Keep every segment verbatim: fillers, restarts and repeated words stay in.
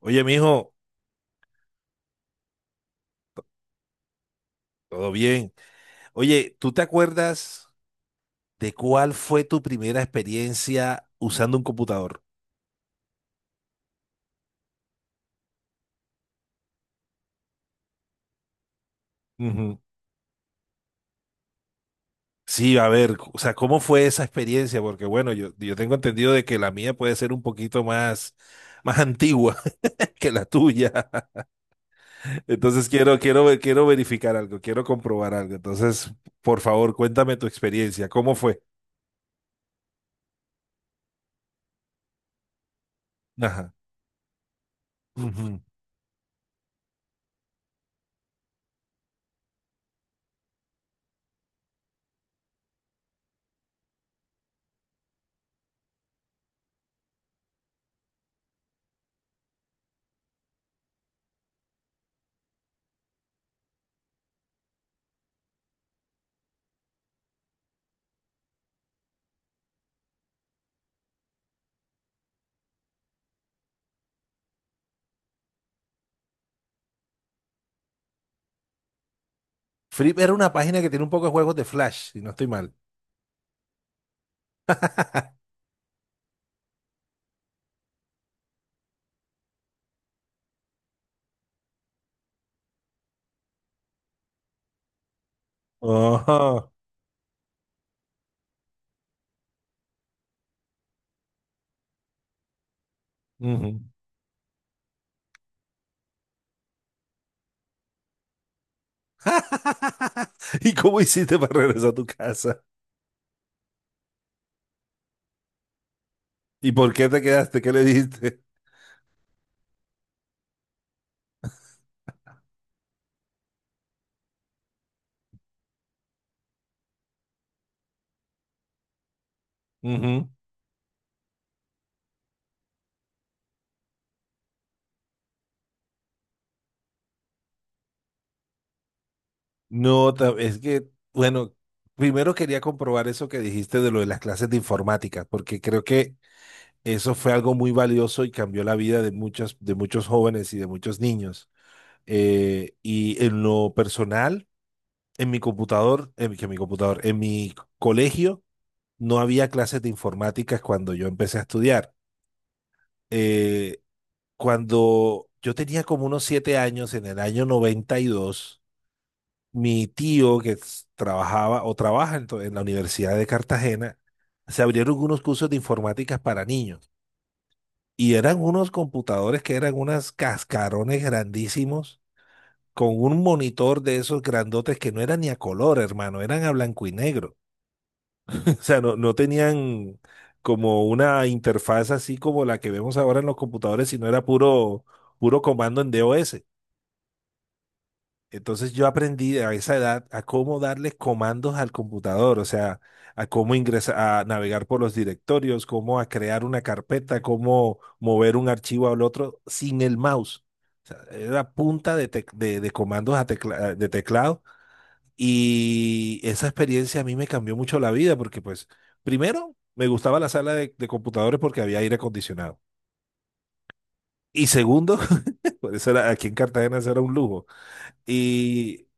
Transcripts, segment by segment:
Oye, mijo, todo bien. Oye, ¿tú te acuerdas de cuál fue tu primera experiencia usando un computador? Ujú. Sí, a ver, o sea, ¿cómo fue esa experiencia? Porque bueno, yo, yo tengo entendido de que la mía puede ser un poquito más, más antigua que la tuya. Entonces quiero, quiero, ver- quiero verificar algo, quiero comprobar algo. Entonces, por favor, cuéntame tu experiencia. ¿Cómo fue? Ajá. Ujú. Flip era una página que tiene un poco de juegos de Flash, si no estoy mal. Ajá. Ujú. ¿Y cómo hiciste para regresar a tu casa? ¿Y por qué te quedaste? ¿Qué le dijiste? Ujú. No, ta- es que, bueno, primero quería comprobar eso que dijiste de lo de las clases de informática, porque creo que eso fue algo muy valioso y cambió la vida de muchos, de muchos jóvenes y de muchos niños. Eh, y en lo personal, en mi computador, en, mi- que mi computador, en mi colegio no había clases de informática cuando yo empecé a estudiar. Eh, cuando yo tenía como unos siete años, en el año noventa y dos, mi tío que s- trabajaba o trabaja en, to- en la Universidad de Cartagena, se abrieron unos cursos de informática para niños. Y eran unos computadores que eran unas cascarones grandísimos con un monitor de esos grandotes que no eran ni a color, hermano, eran a blanco y negro. O sea, no, no tenían como una interfaz así como la que vemos ahora en los computadores, sino era puro, puro comando en DOS. Entonces yo aprendí a esa edad a cómo darle comandos al computador, o sea, a cómo ingresar, a navegar por los directorios, cómo a crear una carpeta, cómo mover un archivo al otro sin el mouse. O sea, era punta de, tec- de, de comandos a tecla- de teclado y esa experiencia a mí me cambió mucho la vida porque pues, primero, me gustaba la sala de, de computadores porque había aire acondicionado. Y segundo, por eso era, aquí en Cartagena eso era un lujo. Y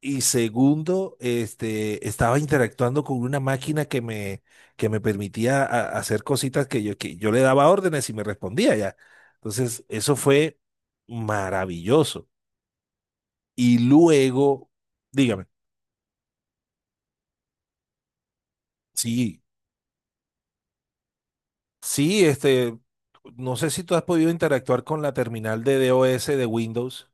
Y segundo, este, estaba interactuando con una máquina que me, que me permitía a- hacer cositas que yo, que yo le daba órdenes y me respondía ya. Entonces, eso fue maravilloso. Y luego, dígame, sí, sí, este, no sé si tú has podido interactuar con la terminal de DOS de Windows,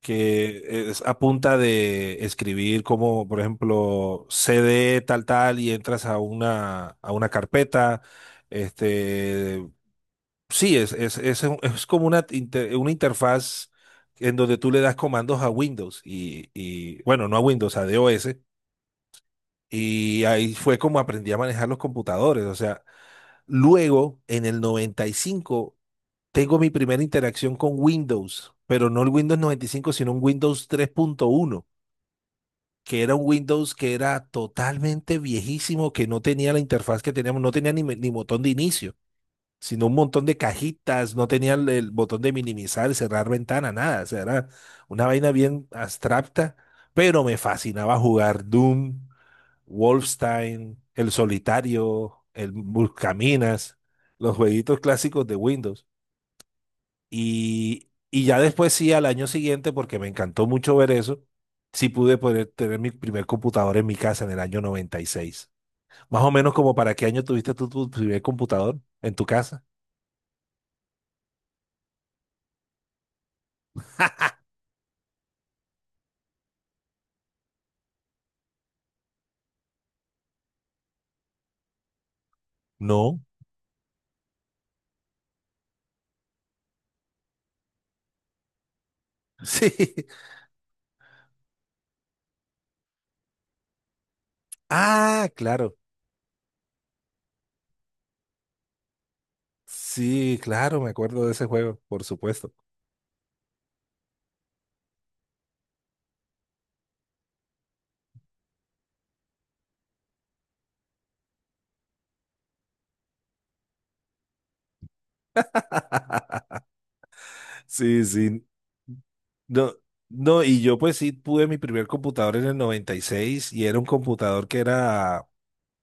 que es a punta de escribir como, por ejemplo, C D tal tal y entras a una, a una carpeta. Este, sí, es, es, es, un- es como una, inter- una interfaz en donde tú le das comandos a Windows y, y bueno, no a Windows, a DOS. Y ahí fue como aprendí a manejar los computadores. O sea, luego en el noventa y cinco tengo mi primera interacción con Windows, pero no el Windows noventa y cinco sino un Windows tres punto uno, que era un Windows que era totalmente viejísimo, que no tenía la interfaz que teníamos, no tenía ni, me- ni botón de inicio, sino un montón de cajitas, no tenía el, el botón de minimizar, cerrar ventana, nada. O sea, era una vaina bien abstracta, pero me fascinaba jugar Doom, Wolfenstein, El Solitario, el Buscaminas, los jueguitos clásicos de Windows. Y, y ya después sí, al año siguiente, porque me encantó mucho ver eso, sí pude poder tener mi primer computador en mi casa en el año noventa y seis. Más o menos como para qué año tuviste tú tu primer computador en tu casa. No. Sí. Ah, claro. Sí, claro, me acuerdo de ese juego, por supuesto. Sí, sí. No, no, y yo pues sí pude mi primer computador en el noventa y seis y seis y era un computador que era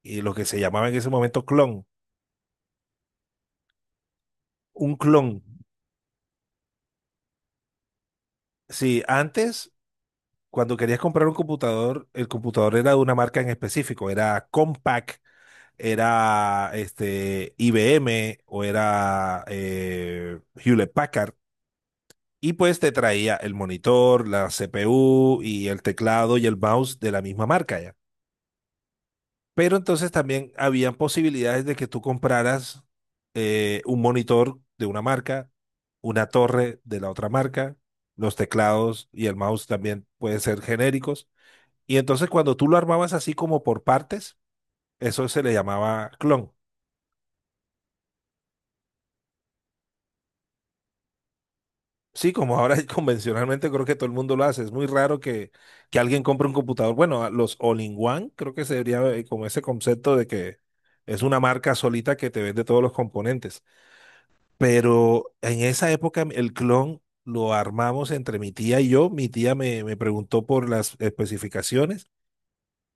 eh, lo que se llamaba en ese momento clon. Un clon. Sí, antes cuando querías comprar un computador, el computador era de una marca en específico, era Compaq, era este, I B M o era eh, Hewlett Packard. Y pues te traía el monitor, la C P U y el teclado y el mouse de la misma marca ya. Pero entonces también habían posibilidades de que tú compraras eh, un monitor de una marca, una torre de la otra marca, los teclados y el mouse también pueden ser genéricos y entonces cuando tú lo armabas así como por partes, eso se le llamaba clon. Sí, como ahora convencionalmente creo que todo el mundo lo hace. Es muy raro que, que alguien compre un computador. Bueno, a los all-in-one creo que se debería eh, como ese concepto de que es una marca solita que te vende todos los componentes. Pero en esa época el clon lo armamos entre mi tía y yo. Mi tía me, me preguntó por las especificaciones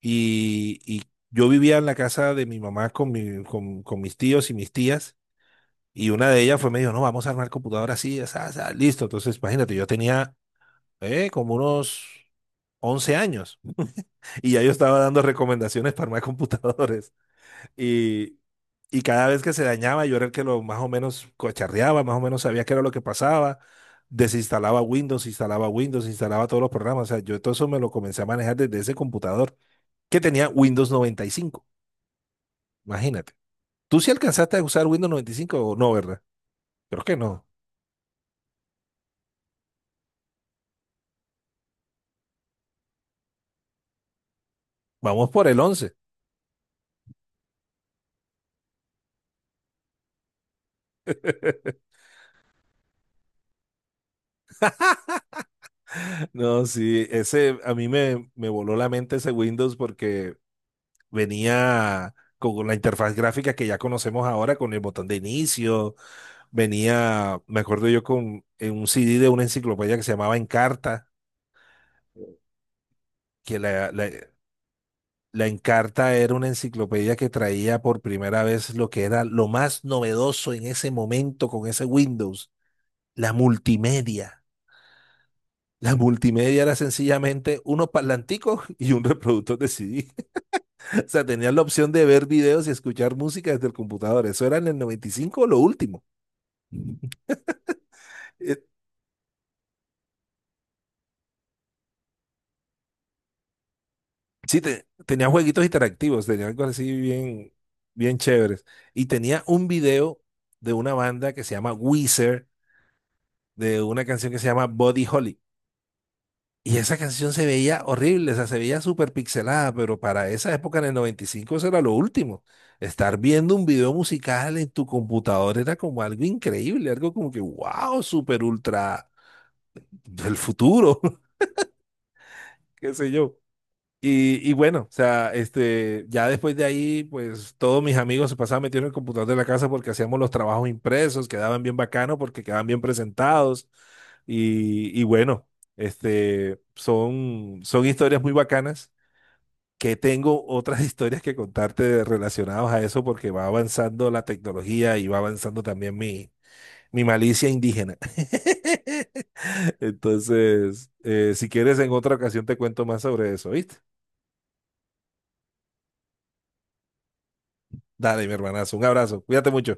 y, y yo vivía en la casa de mi mamá con, mi- con con mis tíos y mis tías. Y una de ellas fue, me dijo, no, vamos a armar computadora así, asá, asá, listo. Entonces, imagínate, yo tenía eh, como unos once años y ya yo estaba dando recomendaciones para armar computadores. Y, y cada vez que se dañaba, yo era el que lo más o menos cocharreaba, más o menos sabía qué era lo que pasaba. Desinstalaba Windows, instalaba Windows, instalaba todos los programas. O sea, yo todo eso me lo comencé a manejar desde ese computador que tenía Windows noventa y cinco. Imagínate. ¿Tú sí alcanzaste a usar Windows noventa y cinco o no, verdad? Creo que no. Vamos por el once. No, sí, ese a mí me, me voló la mente ese Windows porque venía con la interfaz gráfica que ya conocemos ahora, con el botón de inicio, venía, me acuerdo yo con en un C D de una enciclopedia que se llamaba Encarta, que la, la, la Encarta era una enciclopedia que traía por primera vez lo que era lo más novedoso en ese momento con ese Windows, la multimedia. La multimedia era sencillamente unos parlanticos y un reproductor de C D. O sea, tenías la opción de ver videos y escuchar música desde el computador. Eso era en el noventa y cinco lo último. Eh, Sí, te- tenía jueguitos interactivos, tenía algo así bien, bien chéveres. Y tenía un video de una banda que se llama Weezer, de una canción que se llama Body Holly. Y esa canción se veía horrible, o sea, se veía súper pixelada, pero para esa época en el noventa y cinco eso era lo último. Estar viendo un video musical en tu computador era como algo increíble, algo como que, wow, súper ultra del futuro, qué sé yo. Y, y bueno, o sea, este, ya después de ahí, pues todos mis amigos se pasaban metiendo en el computador de la casa porque hacíamos los trabajos impresos, quedaban bien bacanos porque quedaban bien presentados. Y, y bueno, este, son, son historias muy bacanas que tengo otras historias que contarte relacionadas a eso porque va avanzando la tecnología y va avanzando también mi, mi malicia indígena. Entonces, eh, si quieres, en otra ocasión te cuento más sobre eso, ¿viste? Dale, mi hermanazo, un abrazo, cuídate mucho.